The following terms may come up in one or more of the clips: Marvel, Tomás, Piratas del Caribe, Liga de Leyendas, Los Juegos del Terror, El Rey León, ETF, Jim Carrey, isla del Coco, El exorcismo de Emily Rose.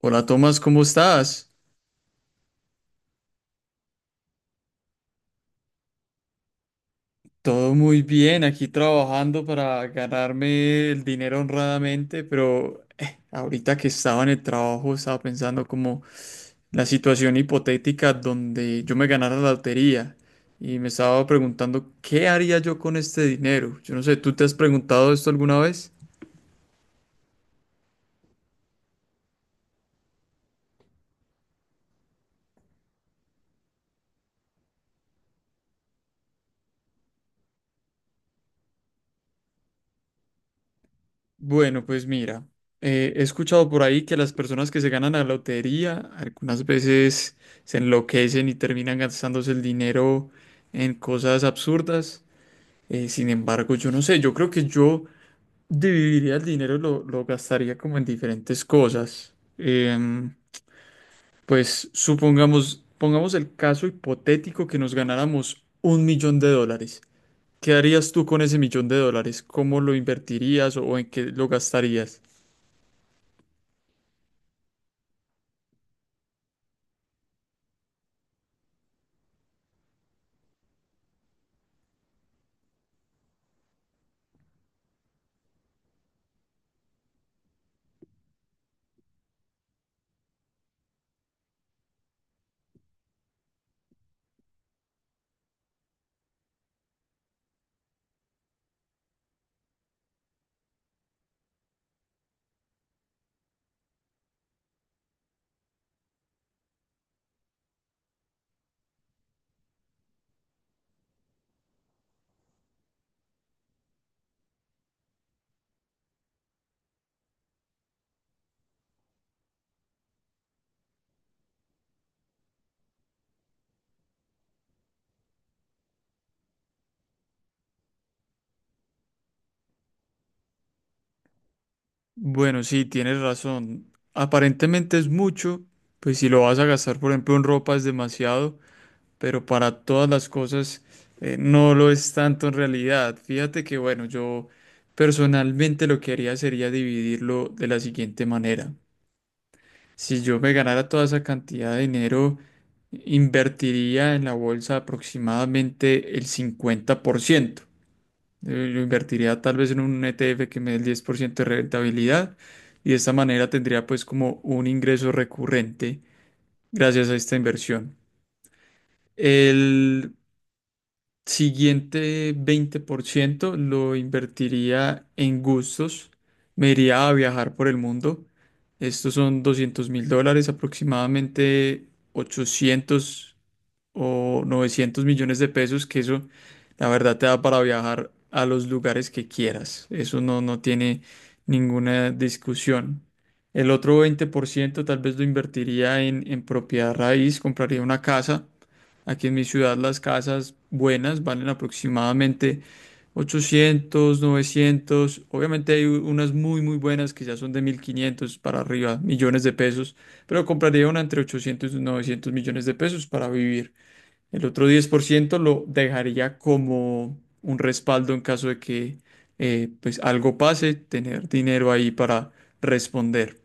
Hola Tomás, ¿cómo estás? Todo muy bien, aquí trabajando para ganarme el dinero honradamente, pero ahorita que estaba en el trabajo estaba pensando como la situación hipotética donde yo me ganara la lotería y me estaba preguntando qué haría yo con este dinero. Yo no sé, ¿tú te has preguntado esto alguna vez? Bueno, pues mira, he escuchado por ahí que las personas que se ganan la lotería algunas veces se enloquecen y terminan gastándose el dinero en cosas absurdas. Sin embargo, yo no sé, yo creo que yo dividiría el dinero, lo gastaría como en diferentes cosas. Pues supongamos, pongamos el caso hipotético que nos ganáramos un millón de dólares. ¿Qué harías tú con ese millón de dólares? ¿Cómo lo invertirías o en qué lo gastarías? Bueno, sí, tienes razón. Aparentemente es mucho, pues si lo vas a gastar, por ejemplo, en ropa es demasiado, pero para todas las cosas no lo es tanto en realidad. Fíjate que, bueno, yo personalmente lo que haría sería dividirlo de la siguiente manera. Si yo me ganara toda esa cantidad de dinero, invertiría en la bolsa aproximadamente el 50%. Yo invertiría tal vez en un ETF que me dé el 10% de rentabilidad y de esta manera tendría pues como un ingreso recurrente gracias a esta inversión. El siguiente 20% lo invertiría en gustos. Me iría a viajar por el mundo. Estos son $200.000, aproximadamente 800 o 900 millones de pesos, que eso la verdad te da para viajar a los lugares que quieras. Eso no, no tiene ninguna discusión. El otro 20% tal vez lo invertiría en propiedad raíz, compraría una casa. Aquí en mi ciudad las casas buenas valen aproximadamente 800 900. Obviamente hay unas muy, muy buenas que ya son de 1.500 para arriba, millones de pesos, pero compraría una entre 800 y 900 millones de pesos para vivir. El otro 10% lo dejaría como un respaldo en caso de que pues algo pase, tener dinero ahí para responder.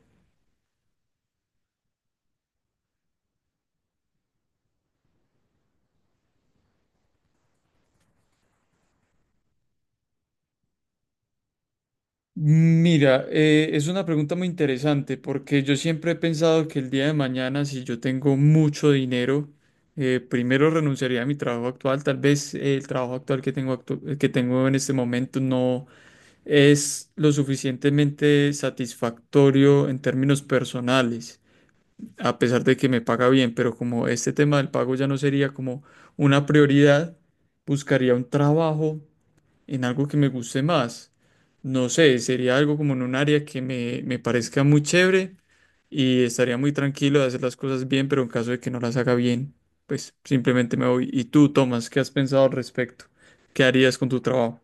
Mira, es una pregunta muy interesante porque yo siempre he pensado que el día de mañana, si yo tengo mucho dinero, primero renunciaría a mi trabajo actual. Tal vez el trabajo actual que tengo, que tengo en este momento no es lo suficientemente satisfactorio en términos personales. A pesar de que me paga bien, pero como este tema del pago ya no sería como una prioridad, buscaría un trabajo en algo que me guste más. No sé, sería algo como en un área que me parezca muy chévere y estaría muy tranquilo de hacer las cosas bien, pero en caso de que no las haga bien, pues simplemente me voy. ¿Y tú, Tomás, qué has pensado al respecto? ¿Qué harías con tu trabajo?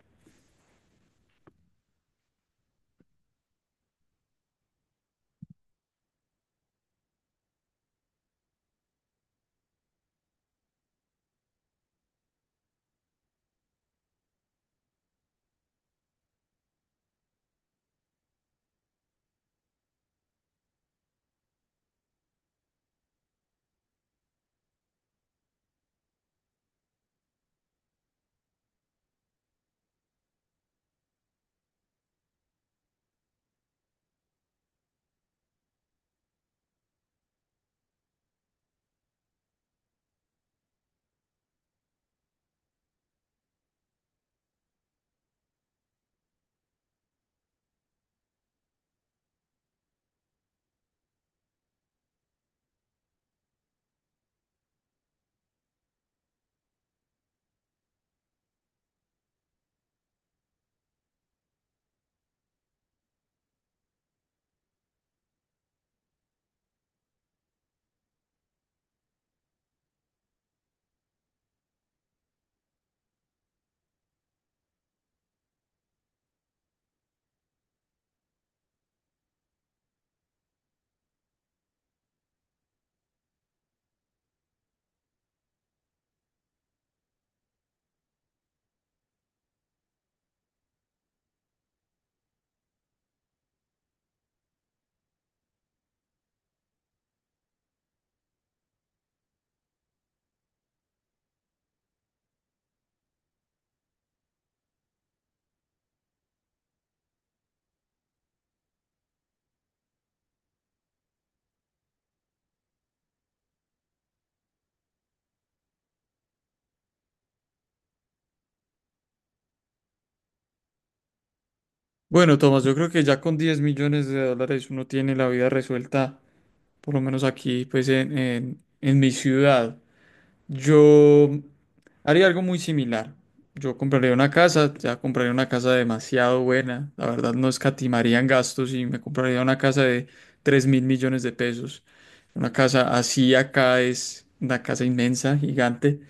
Bueno, Tomás, yo creo que ya con $10.000.000 uno tiene la vida resuelta, por lo menos aquí, pues en, en mi ciudad. Yo haría algo muy similar. Yo compraría una casa, ya compraría una casa demasiado buena. La verdad no escatimaría en gastos y me compraría una casa de 3.000 millones de pesos. Una casa así acá es una casa inmensa, gigante.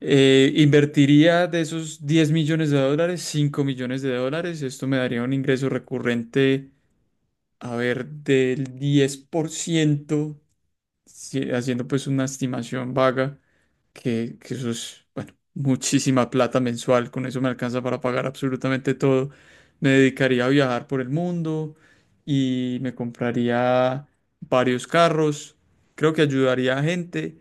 Invertiría de esos $10.000.000, $5.000.000. Esto me daría un ingreso recurrente, a ver, del 10%, haciendo pues una estimación vaga que eso es, bueno, muchísima plata mensual, con eso me alcanza para pagar absolutamente todo. Me dedicaría a viajar por el mundo y me compraría varios carros, creo que ayudaría a gente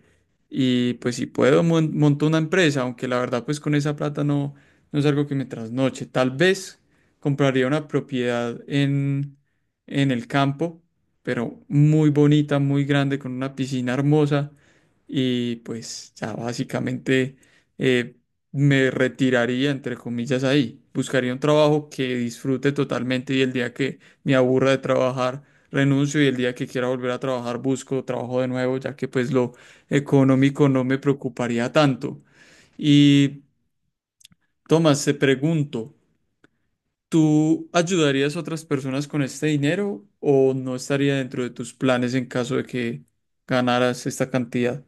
y pues si puedo monto una empresa, aunque la verdad pues con esa plata no, no es algo que me trasnoche. Tal vez compraría una propiedad en el campo, pero muy bonita, muy grande, con una piscina hermosa y pues ya básicamente eh, me retiraría, entre comillas, ahí. Buscaría un trabajo que disfrute totalmente y el día que me aburra de trabajar, renuncio y el día que quiera volver a trabajar, busco trabajo de nuevo, ya que pues lo económico no me preocuparía tanto. Y Tomás, te pregunto, ¿tú ayudarías a otras personas con este dinero o no estaría dentro de tus planes en caso de que ganaras esta cantidad?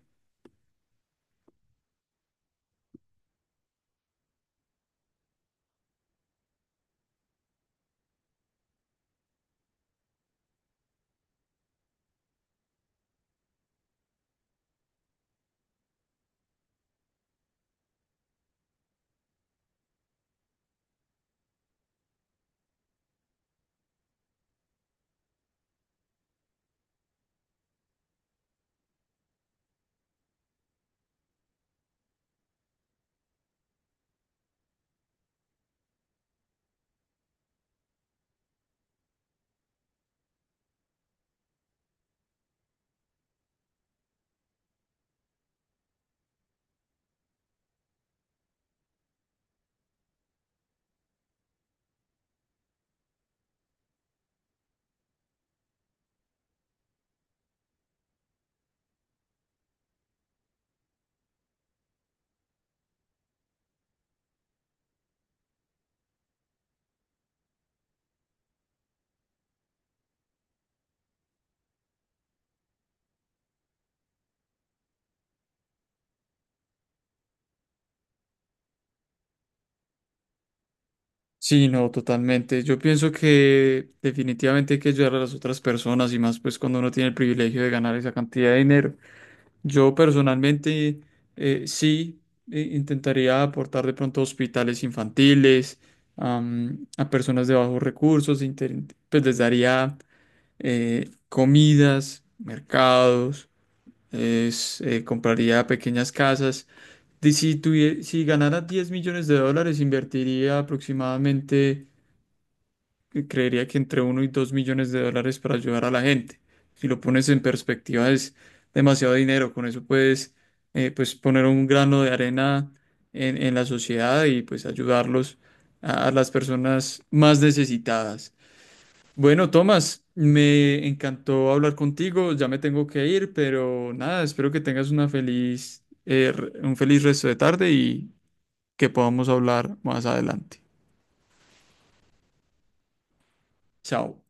Sí, no, totalmente. Yo pienso que definitivamente hay que ayudar a las otras personas y más pues cuando uno tiene el privilegio de ganar esa cantidad de dinero. Yo personalmente sí intentaría aportar de pronto a hospitales infantiles, a personas de bajos recursos, pues les daría comidas, mercados, compraría pequeñas casas. Y si si ganara $10.000.000, invertiría aproximadamente que creería que entre uno y $2.000.000 para ayudar a la gente. Si lo pones en perspectiva es demasiado dinero, con eso puedes pues poner un grano de arena en la sociedad y pues ayudarlos a las personas más necesitadas. Bueno, Tomás, me encantó hablar contigo, ya me tengo que ir, pero nada, espero que tengas una feliz, un feliz resto de tarde y que podamos hablar más adelante. Chao.